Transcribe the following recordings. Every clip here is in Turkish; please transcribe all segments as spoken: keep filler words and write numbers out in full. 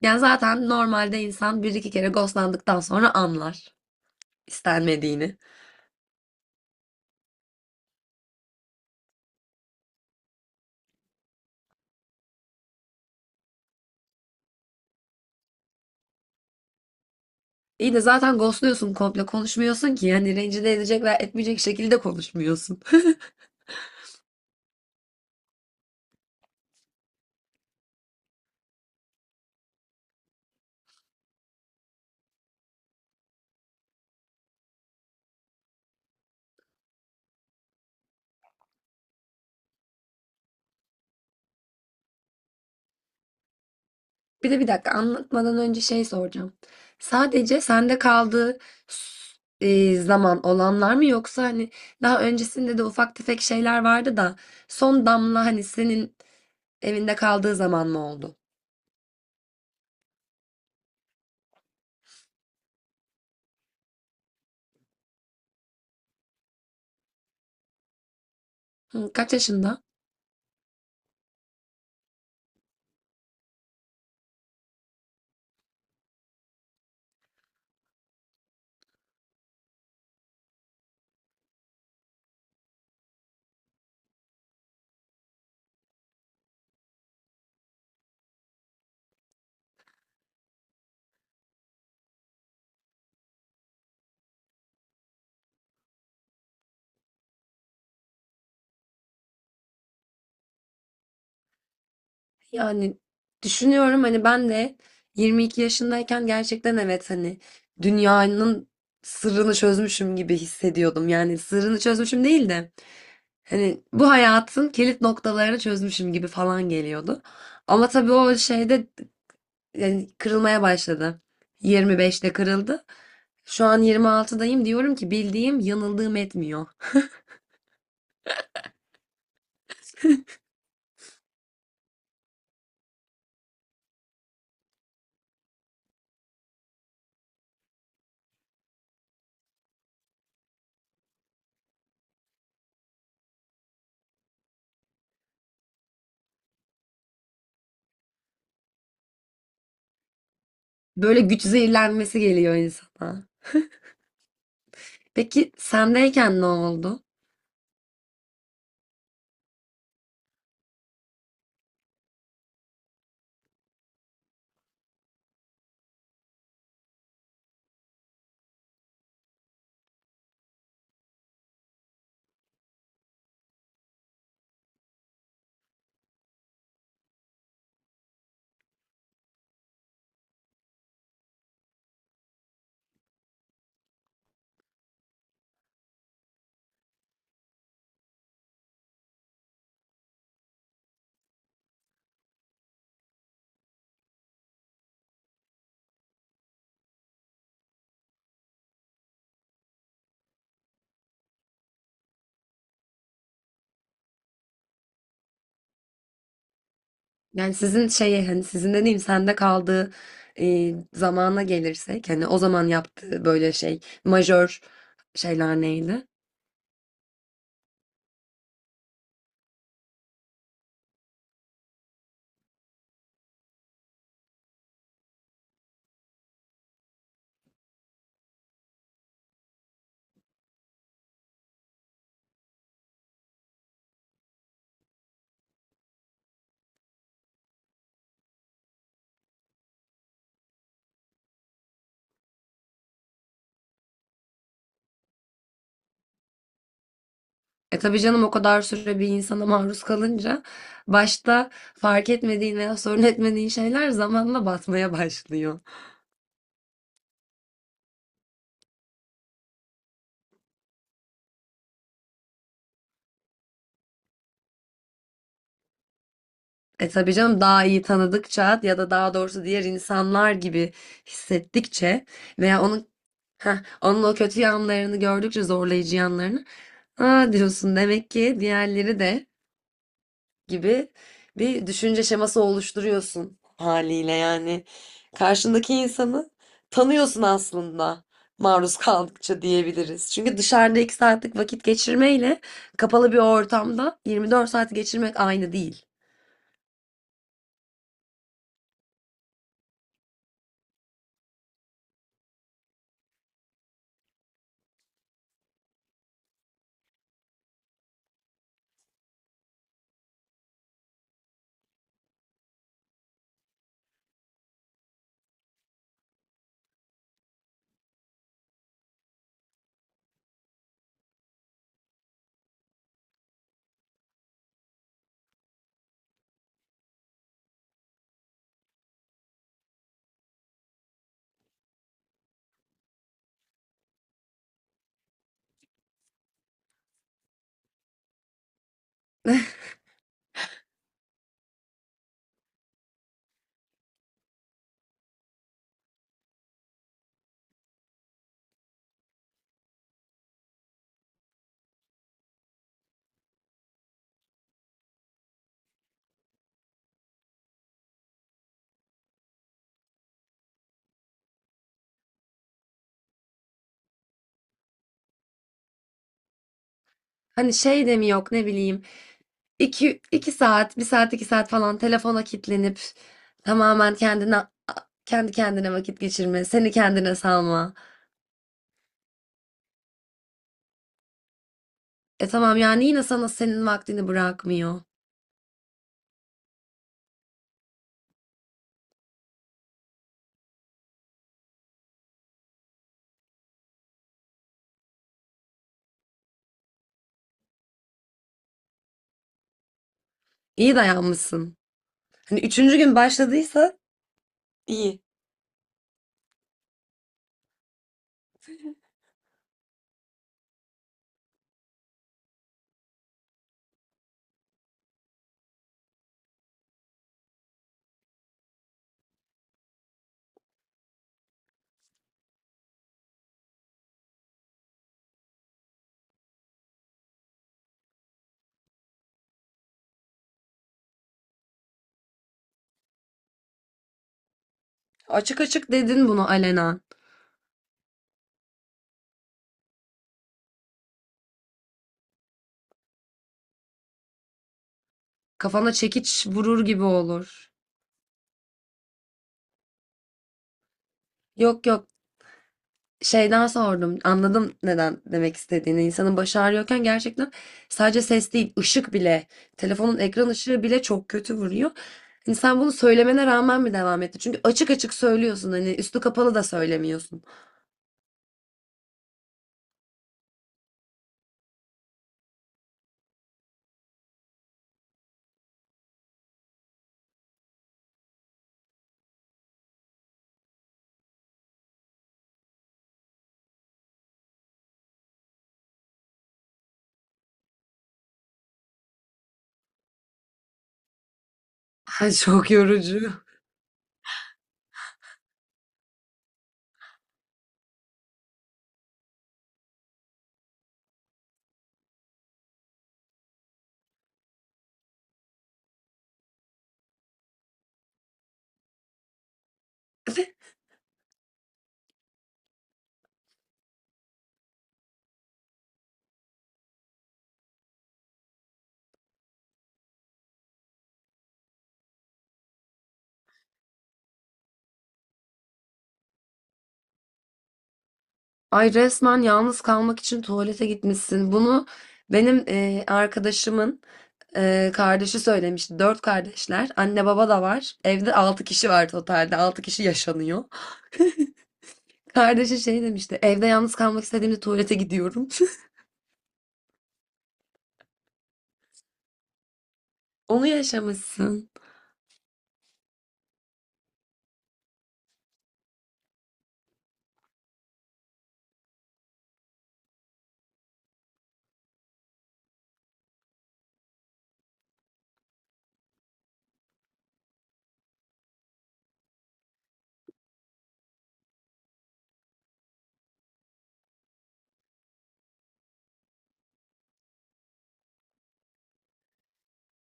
Yani zaten normalde insan bir iki kere ghostlandıktan sonra anlar istenmediğini. İyi de zaten ghostluyorsun komple konuşmuyorsun ki yani rencide edecek veya etmeyecek şekilde konuşmuyorsun. Bir de bir dakika anlatmadan önce şey soracağım. Sadece sende kaldığı s- e, zaman olanlar mı yoksa hani daha öncesinde de ufak tefek şeyler vardı da son damla hani senin evinde kaldığı zaman mı oldu? Hı, kaç yaşında? Yani düşünüyorum, hani ben de yirmi iki yaşındayken gerçekten evet, hani dünyanın sırrını çözmüşüm gibi hissediyordum. Yani sırrını çözmüşüm değil de hani bu hayatın kilit noktalarını çözmüşüm gibi falan geliyordu. Ama tabii o şeyde yani kırılmaya başladı. yirmi beşte kırıldı. Şu an yirmi altıdayım, diyorum ki bildiğim yanıldığım etmiyor. Böyle güç zehirlenmesi geliyor insana. Peki sendeyken ne oldu? Yani sizin şeyi, hani sizin dediğim sende kaldığı e, zamana gelirsek, hani o zaman yaptığı böyle şey majör şeyler neydi? E tabii canım, o kadar süre bir insana maruz kalınca başta fark etmediğin veya sorun etmediğin şeyler zamanla batmaya başlıyor. E tabii canım, daha iyi tanıdıkça ya da daha doğrusu diğer insanlar gibi hissettikçe veya onun heh, onun o kötü yanlarını gördükçe, zorlayıcı yanlarını, aa diyorsun, demek ki diğerleri de gibi bir düşünce şeması oluşturuyorsun haliyle yani. Karşındaki insanı tanıyorsun aslında, maruz kaldıkça diyebiliriz. Çünkü dışarıda iki saatlik vakit geçirmeyle kapalı bir ortamda yirmi dört saat geçirmek aynı değil. Hani şey de mi yok, ne bileyim, iki iki saat, bir saat, iki saat falan telefona kilitlenip tamamen kendine kendi kendine vakit geçirme, seni kendine salma. E tamam, yani yine sana senin vaktini bırakmıyor. İyi dayanmışsın. Hani üçüncü gün başladıysa iyi. Açık açık dedin bunu alenen. Kafana çekiç vurur gibi olur. Yok, yok, şeyden sordum. Anladım neden demek istediğini. İnsanın başı ağrıyorken gerçekten sadece ses değil, ışık bile, telefonun ekran ışığı bile çok kötü vuruyor. Hani sen bunu söylemene rağmen mi devam etti? Çünkü açık açık söylüyorsun, hani üstü kapalı da söylemiyorsun. Ay, çok yorucu. Ay, resmen yalnız kalmak için tuvalete gitmişsin. Bunu benim e, arkadaşımın e, kardeşi söylemişti. Dört kardeşler. Anne baba da var. Evde altı kişi var totalde. Altı kişi yaşanıyor. Kardeşi şey demişti. Evde yalnız kalmak istediğimde tuvalete gidiyorum. Onu yaşamışsın.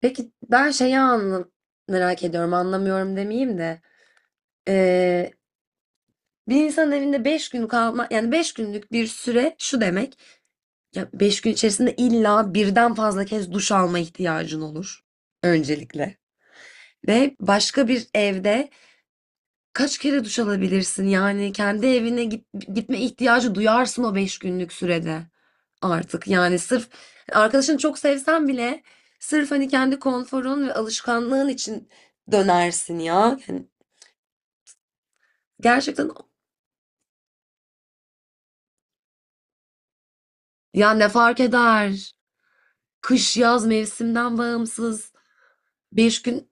Peki ben şeyi anla merak ediyorum. Anlamıyorum demeyeyim de. E, Bir insanın evinde beş gün kalma, yani beş günlük bir süre şu demek. Ya beş gün içerisinde illa birden fazla kez duş alma ihtiyacın olur. Öncelikle. Ve başka bir evde kaç kere duş alabilirsin? Yani kendi evine git, gitme ihtiyacı duyarsın o beş günlük sürede artık. Yani sırf arkadaşını çok sevsen bile, sırf hani kendi konforun ve alışkanlığın için dönersin ya. Yani gerçekten, ya ne fark eder? Kış yaz mevsimden bağımsız. Beş gün.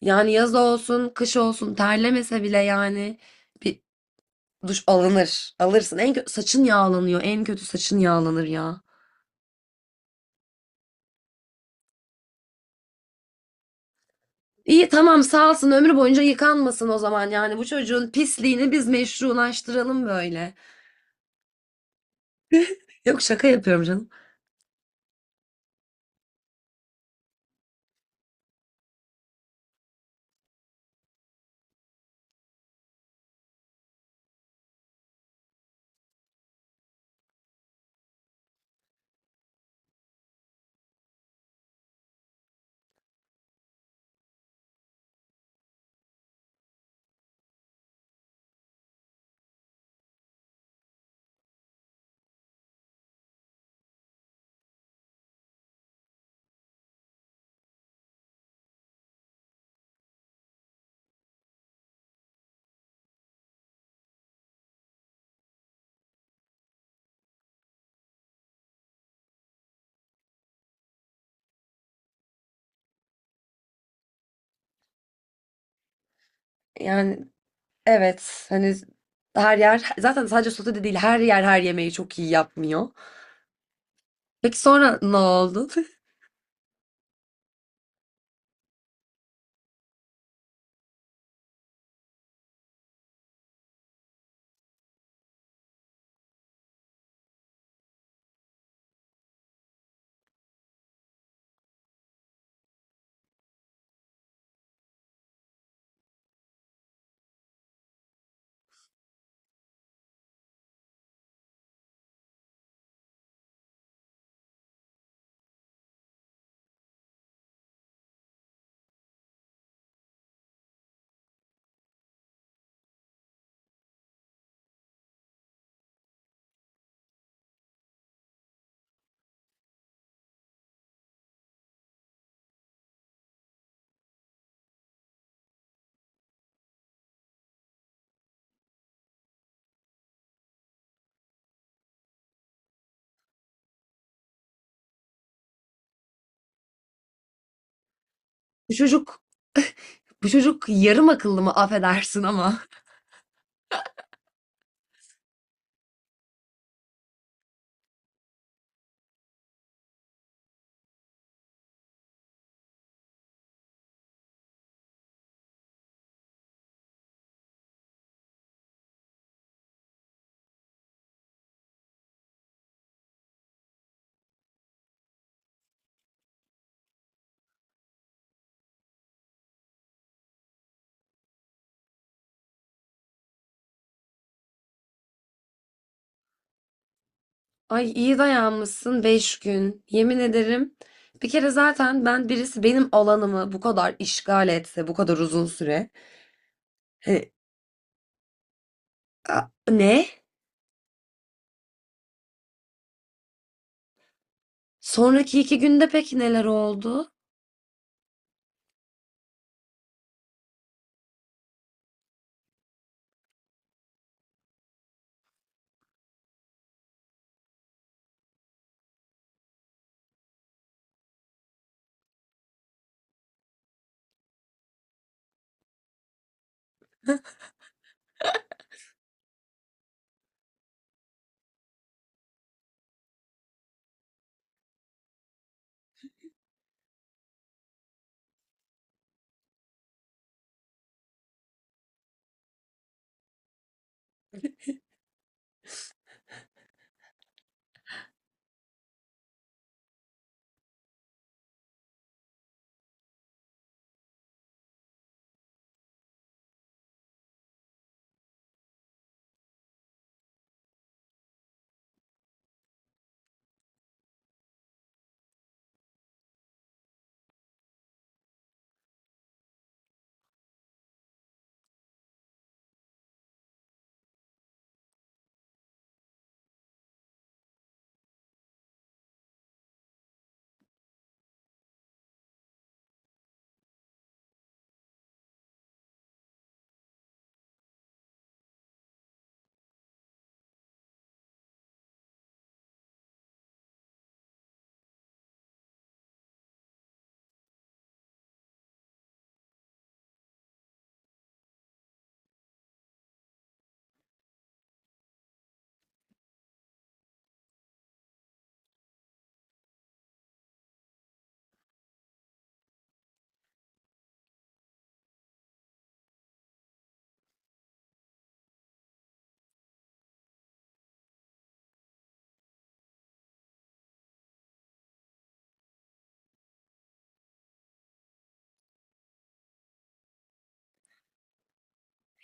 Yani yaz olsun, kış olsun, terlemese bile yani bir duş alınır. Alırsın. En kötü saçın yağlanıyor. En kötü saçın yağlanır ya. İyi, tamam, sağ olsun ömrü boyunca yıkanmasın o zaman, yani bu çocuğun pisliğini biz meşrulaştıralım böyle. Yok, şaka yapıyorum canım. Yani evet, hani her yer zaten sadece sote değil, her yer her yemeği çok iyi yapmıyor. Peki sonra ne oldu? Bu çocuk bu çocuk yarım akıllı mı, affedersin ama. Ay, iyi dayanmışsın beş gün. Yemin ederim. Bir kere zaten ben, birisi benim alanımı bu kadar işgal etse bu kadar uzun süre. Hani, a- ne? Sonraki iki günde peki neler oldu?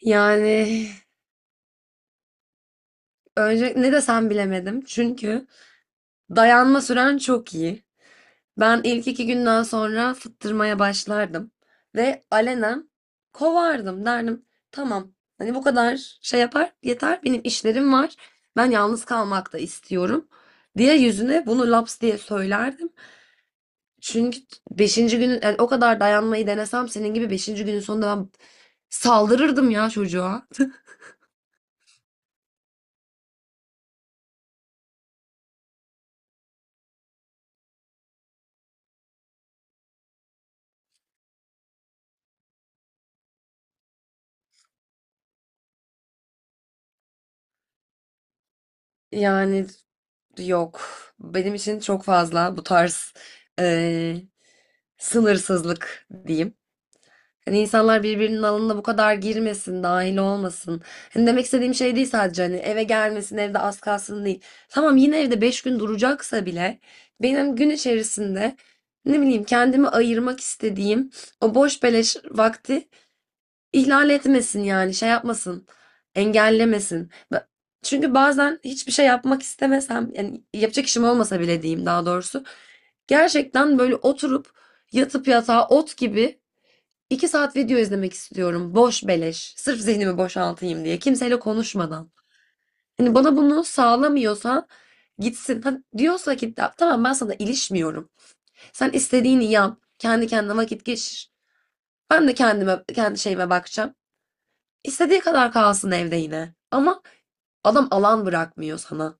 Yani önce ne desem bilemedim. Çünkü dayanma süren çok iyi. Ben ilk iki günden sonra fıttırmaya başlardım ve alenen kovardım, derdim. Tamam, hani bu kadar şey yapar yeter, benim işlerim var, ben yalnız kalmak da istiyorum diye yüzüne bunu laps diye söylerdim. Çünkü beşinci günün, yani o kadar dayanmayı denesem senin gibi, beşinci günün sonunda ben saldırırdım ya çocuğa. Yani yok, benim için çok fazla bu tarz eee, sınırsızlık diyeyim. Hani insanlar birbirinin alanına bu kadar girmesin, dahil olmasın. Hani demek istediğim şey değil sadece, hani eve gelmesin, evde az kalsın değil. Tamam, yine evde beş gün duracaksa bile benim gün içerisinde, ne bileyim, kendimi ayırmak istediğim o boş beleş vakti ihlal etmesin, yani şey yapmasın, engellemesin. Ve- Çünkü bazen hiçbir şey yapmak istemesem, yani yapacak işim olmasa bile diyeyim daha doğrusu, gerçekten böyle oturup yatıp yatağa ot gibi İki saat video izlemek istiyorum. Boş beleş. Sırf zihnimi boşaltayım diye. Kimseyle konuşmadan. Hani bana bunu sağlamıyorsa, gitsin. Ha, diyorsa ki tamam, ben sana ilişmiyorum. Sen istediğini yap. Kendi kendine vakit geçir. Ben de kendime, kendi şeyime bakacağım. İstediği kadar kalsın evde yine. Ama adam alan bırakmıyor sana.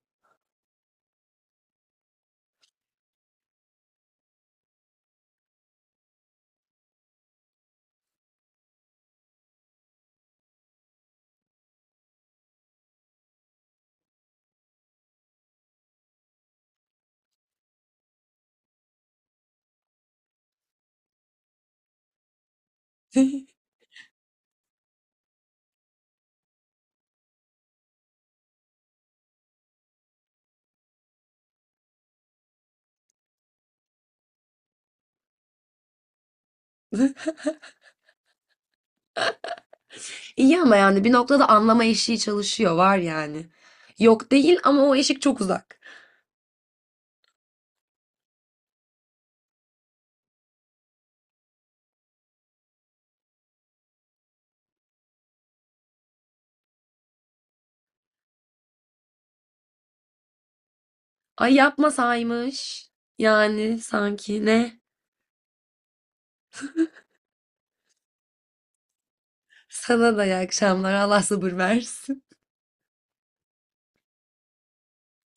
İyi ama yani bir noktada anlama eşiği çalışıyor var yani. Yok değil, ama o eşik çok uzak. Ay, yapmasaymış. Yani sanki ne? Sana da iyi akşamlar. Allah sabır versin.